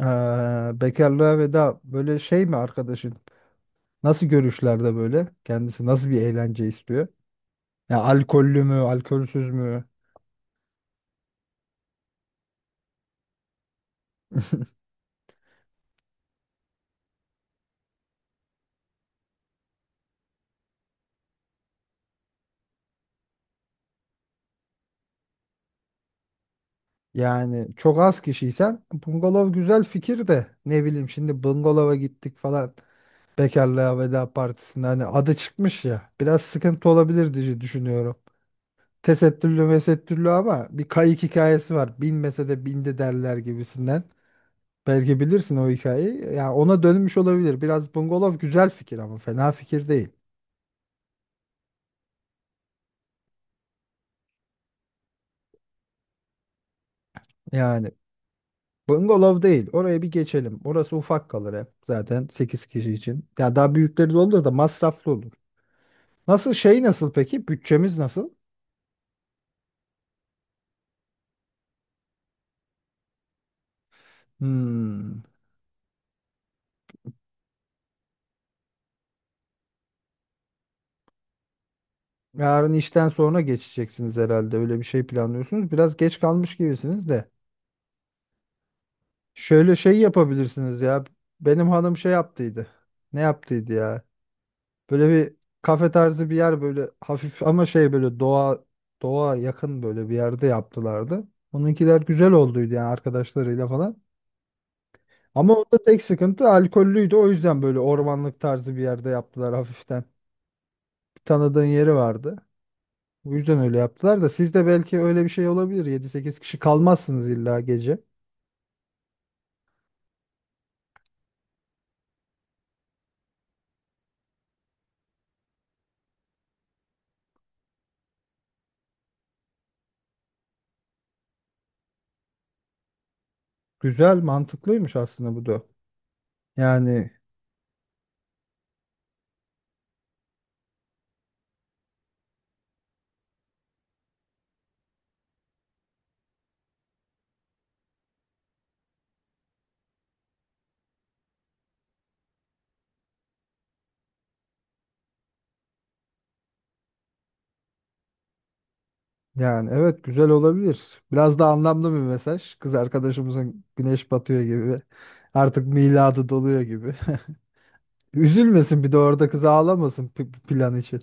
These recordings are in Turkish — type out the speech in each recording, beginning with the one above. Ee, Bekarlığa veda böyle şey mi arkadaşın? Nasıl görüşlerde böyle? Kendisi nasıl bir eğlence istiyor? Ya alkollü mü, alkolsüz mü? Yani çok az kişiysen bungalov güzel fikir de ne bileyim şimdi bungalova gittik falan bekarlığa veda partisinde hani adı çıkmış ya biraz sıkıntı olabilir diye düşünüyorum. Tesettürlü mesettürlü ama bir kayık hikayesi var. Binmese de bindi derler gibisinden. Belki bilirsin o hikayeyi. Ya ona dönmüş olabilir. Biraz bungalov güzel fikir ama fena fikir değil. Yani bungalov değil. Oraya bir geçelim. Orası ufak kalır hep. Zaten 8 kişi için. Ya daha büyükleri de olur da masraflı olur. Nasıl şey nasıl peki? Bütçemiz nasıl? Hmm. Yarın işten sonra geçeceksiniz herhalde. Öyle bir şey planlıyorsunuz. Biraz geç kalmış gibisiniz de. Şöyle şey yapabilirsiniz ya. Benim hanım şey yaptıydı. Ne yaptıydı ya? Böyle bir kafe tarzı bir yer böyle hafif ama şey böyle doğa yakın böyle bir yerde yaptılardı. Onunkiler güzel olduydu yani arkadaşlarıyla falan. Ama orada tek sıkıntı alkollüydü. O yüzden böyle ormanlık tarzı bir yerde yaptılar hafiften. Bir tanıdığın yeri vardı. Bu yüzden öyle yaptılar da siz de belki öyle bir şey olabilir. 7-8 kişi kalmazsınız illa gece. Güzel, mantıklıymış aslında bu da. Yani evet güzel olabilir. Biraz da anlamlı bir mesaj. Kız arkadaşımızın güneş batıyor gibi. Artık miladı doluyor gibi. Üzülmesin bir de orada kız ağlamasın plan için.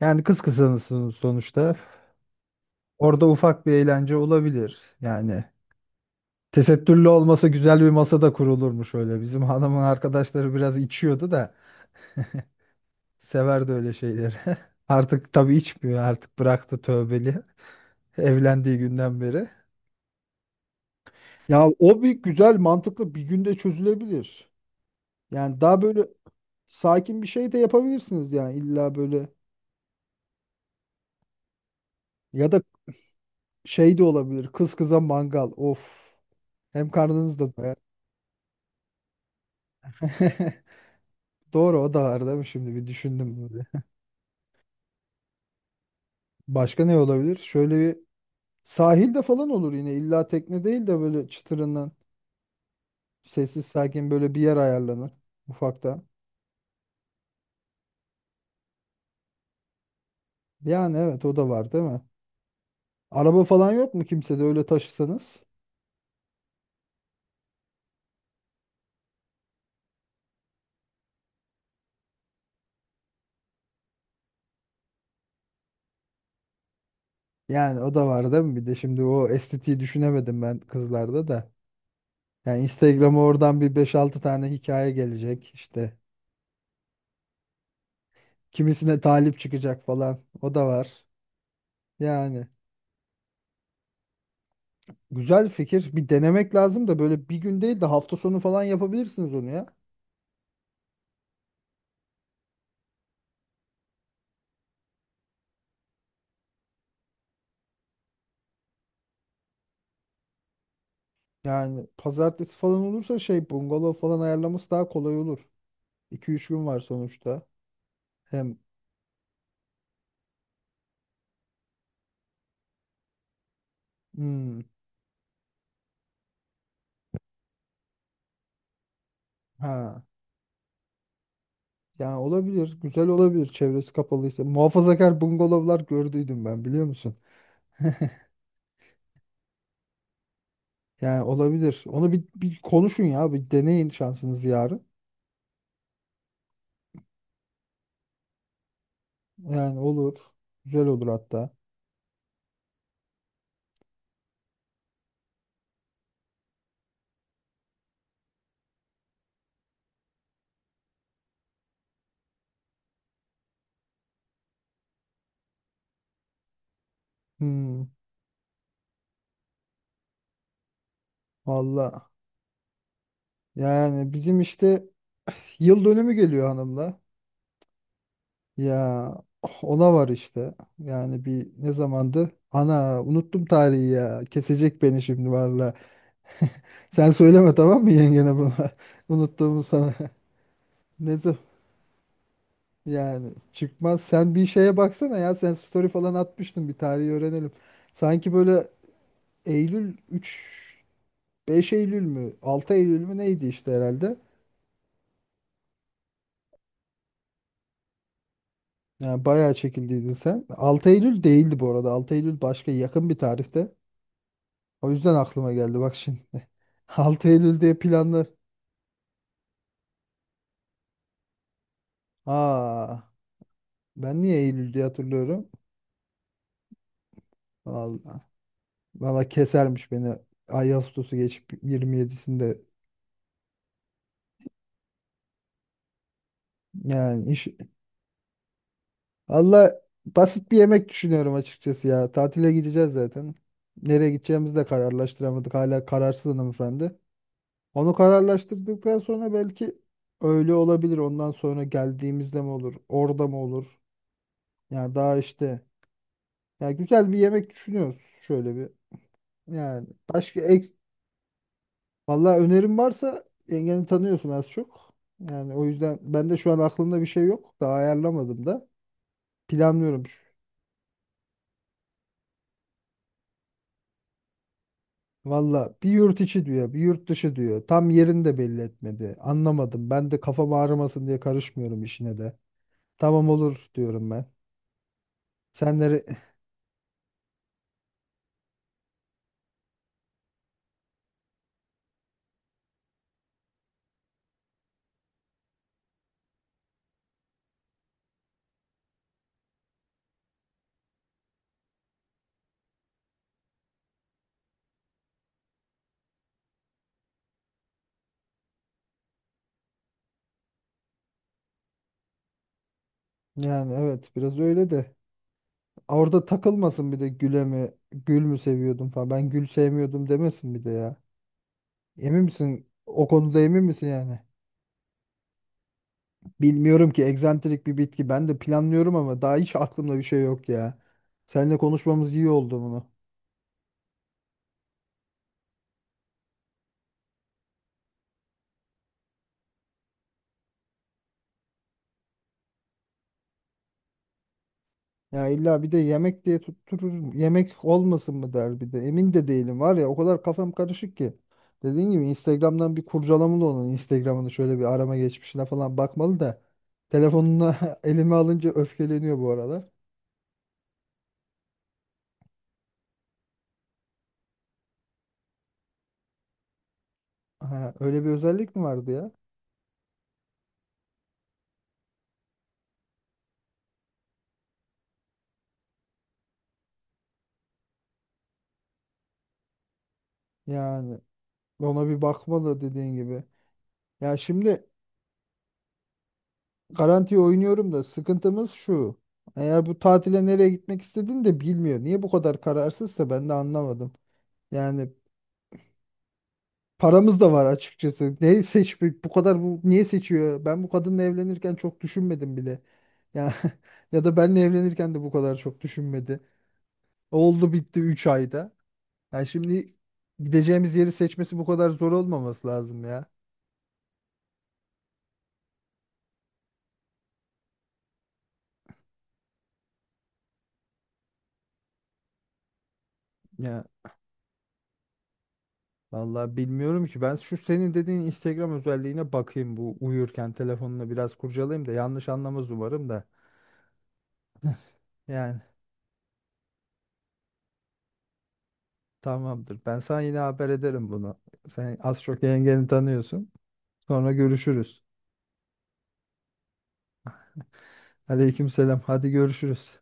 Yani kız kızanısın sonuçta. Orada ufak bir eğlence olabilir. Yani tesettürlü olmasa güzel bir masa da kurulurmuş öyle. Bizim hanımın arkadaşları biraz içiyordu da severdi öyle şeyleri. Artık tabii içmiyor artık bıraktı tövbeli. Evlendiği günden beri. Ya o bir güzel mantıklı bir günde çözülebilir. Yani daha böyle sakin bir şey de yapabilirsiniz yani illa böyle, ya da şey de olabilir kız kıza mangal of, hem karnınız da doyar. Doğru o da var değil mi şimdi bir düşündüm böyle. Başka ne olabilir? Şöyle bir sahilde falan olur yine illa tekne değil de böyle çıtırından sessiz sakin böyle bir yer ayarlanır ufaktan. Yani evet o da var değil mi? Araba falan yok mu kimsede öyle taşısanız? Yani o da var değil mi? Bir de şimdi o estetiği düşünemedim ben kızlarda da. Yani Instagram'a oradan bir beş altı tane hikaye gelecek işte. Kimisine talip çıkacak falan. O da var. Yani güzel fikir. Bir denemek lazım da böyle bir gün değil de hafta sonu falan yapabilirsiniz onu ya. Yani pazartesi falan olursa şey bungalov falan ayarlaması daha kolay olur. 2 üç gün var sonuçta. Hem hmm, ha yani olabilir. Güzel olabilir çevresi kapalıysa. Muhafazakar bungalovlar gördüydüm ben biliyor musun? Yani olabilir. Onu bir konuşun ya. Bir deneyin şansınızı yarın. Yani olur. Güzel olur hatta. Hmm, valla. Yani bizim işte yıl dönümü geliyor hanımla. Ya ona var işte. Yani bir ne zamandı? Ana unuttum tarihi ya. Kesecek beni şimdi valla. Sen söyleme tamam mı yengene bunu? Unuttuğumu sana. Ne zaman? Yani çıkmaz. Sen bir şeye baksana ya. Sen story falan atmıştın bir tarihi öğrenelim. Sanki böyle Eylül 3 5 Eylül mü? 6 Eylül mü neydi işte herhalde. Yani bayağı çekildiydin sen. 6 Eylül değildi bu arada. 6 Eylül başka yakın bir tarihte. O yüzden aklıma geldi bak şimdi. 6 Eylül diye planlar. Aa, ben niye Eylül diye hatırlıyorum? Vallahi. Valla kesermiş beni. Ağustos'u geçip 27'sinde yani iş. Valla basit bir yemek düşünüyorum açıkçası ya. Tatile gideceğiz zaten. Nereye gideceğimizi de kararlaştıramadık. Hala kararsız hanımefendi. Onu kararlaştırdıktan sonra belki öyle olabilir. Ondan sonra geldiğimizde mi olur? Orada mı olur? Yani daha işte, ya güzel bir yemek düşünüyoruz şöyle bir. Yani başka ek, vallahi önerim varsa yengeni tanıyorsun az çok. Yani o yüzden ben de şu an aklımda bir şey yok. Daha ayarlamadım da. Planlıyorum. Valla bir yurt içi diyor, bir yurt dışı diyor. Tam yerini de belli etmedi. Anlamadım. Ben de kafam ağrımasın diye karışmıyorum işine de. Tamam olur diyorum ben. Senleri, yani evet biraz öyle de. Orada takılmasın bir de güle mi, gül mü seviyordum falan. Ben gül sevmiyordum demesin bir de ya. Emin misin? O konuda emin misin yani? Bilmiyorum ki egzantrik bir bitki. Ben de planlıyorum ama daha hiç aklımda bir şey yok ya. Seninle konuşmamız iyi oldu bunu. Ya illa bir de yemek diye tutturur. Yemek olmasın mı der bir de. Emin de değilim var ya o kadar kafam karışık ki. Dediğin gibi Instagram'dan bir kurcalamalı onun Instagram'ını şöyle bir arama geçmişine falan bakmalı da. Telefonunu elime alınca öfkeleniyor bu aralar. Ha, öyle bir özellik mi vardı ya? Yani ona bir bakmalı dediğin gibi. Ya şimdi, Garanti oynuyorum da sıkıntımız şu. Eğer bu tatile nereye gitmek istediğini de bilmiyor. Niye bu kadar kararsızsa ben de anlamadım. Yani paramız da var açıkçası. Ne seç bu kadar bu niye seçiyor? Ben bu kadınla evlenirken çok düşünmedim bile. Ya ya da benle evlenirken de bu kadar çok düşünmedi. Oldu bitti 3 ayda. Yani şimdi gideceğimiz yeri seçmesi bu kadar zor olmaması lazım ya. Ya vallahi bilmiyorum ki. Ben şu senin dediğin Instagram özelliğine bakayım bu uyurken telefonunu biraz kurcalayayım da yanlış anlamaz umarım da. Yani tamamdır. Ben sana yine haber ederim bunu. Sen az çok yengeni tanıyorsun. Sonra görüşürüz. Aleykümselam. Hadi görüşürüz.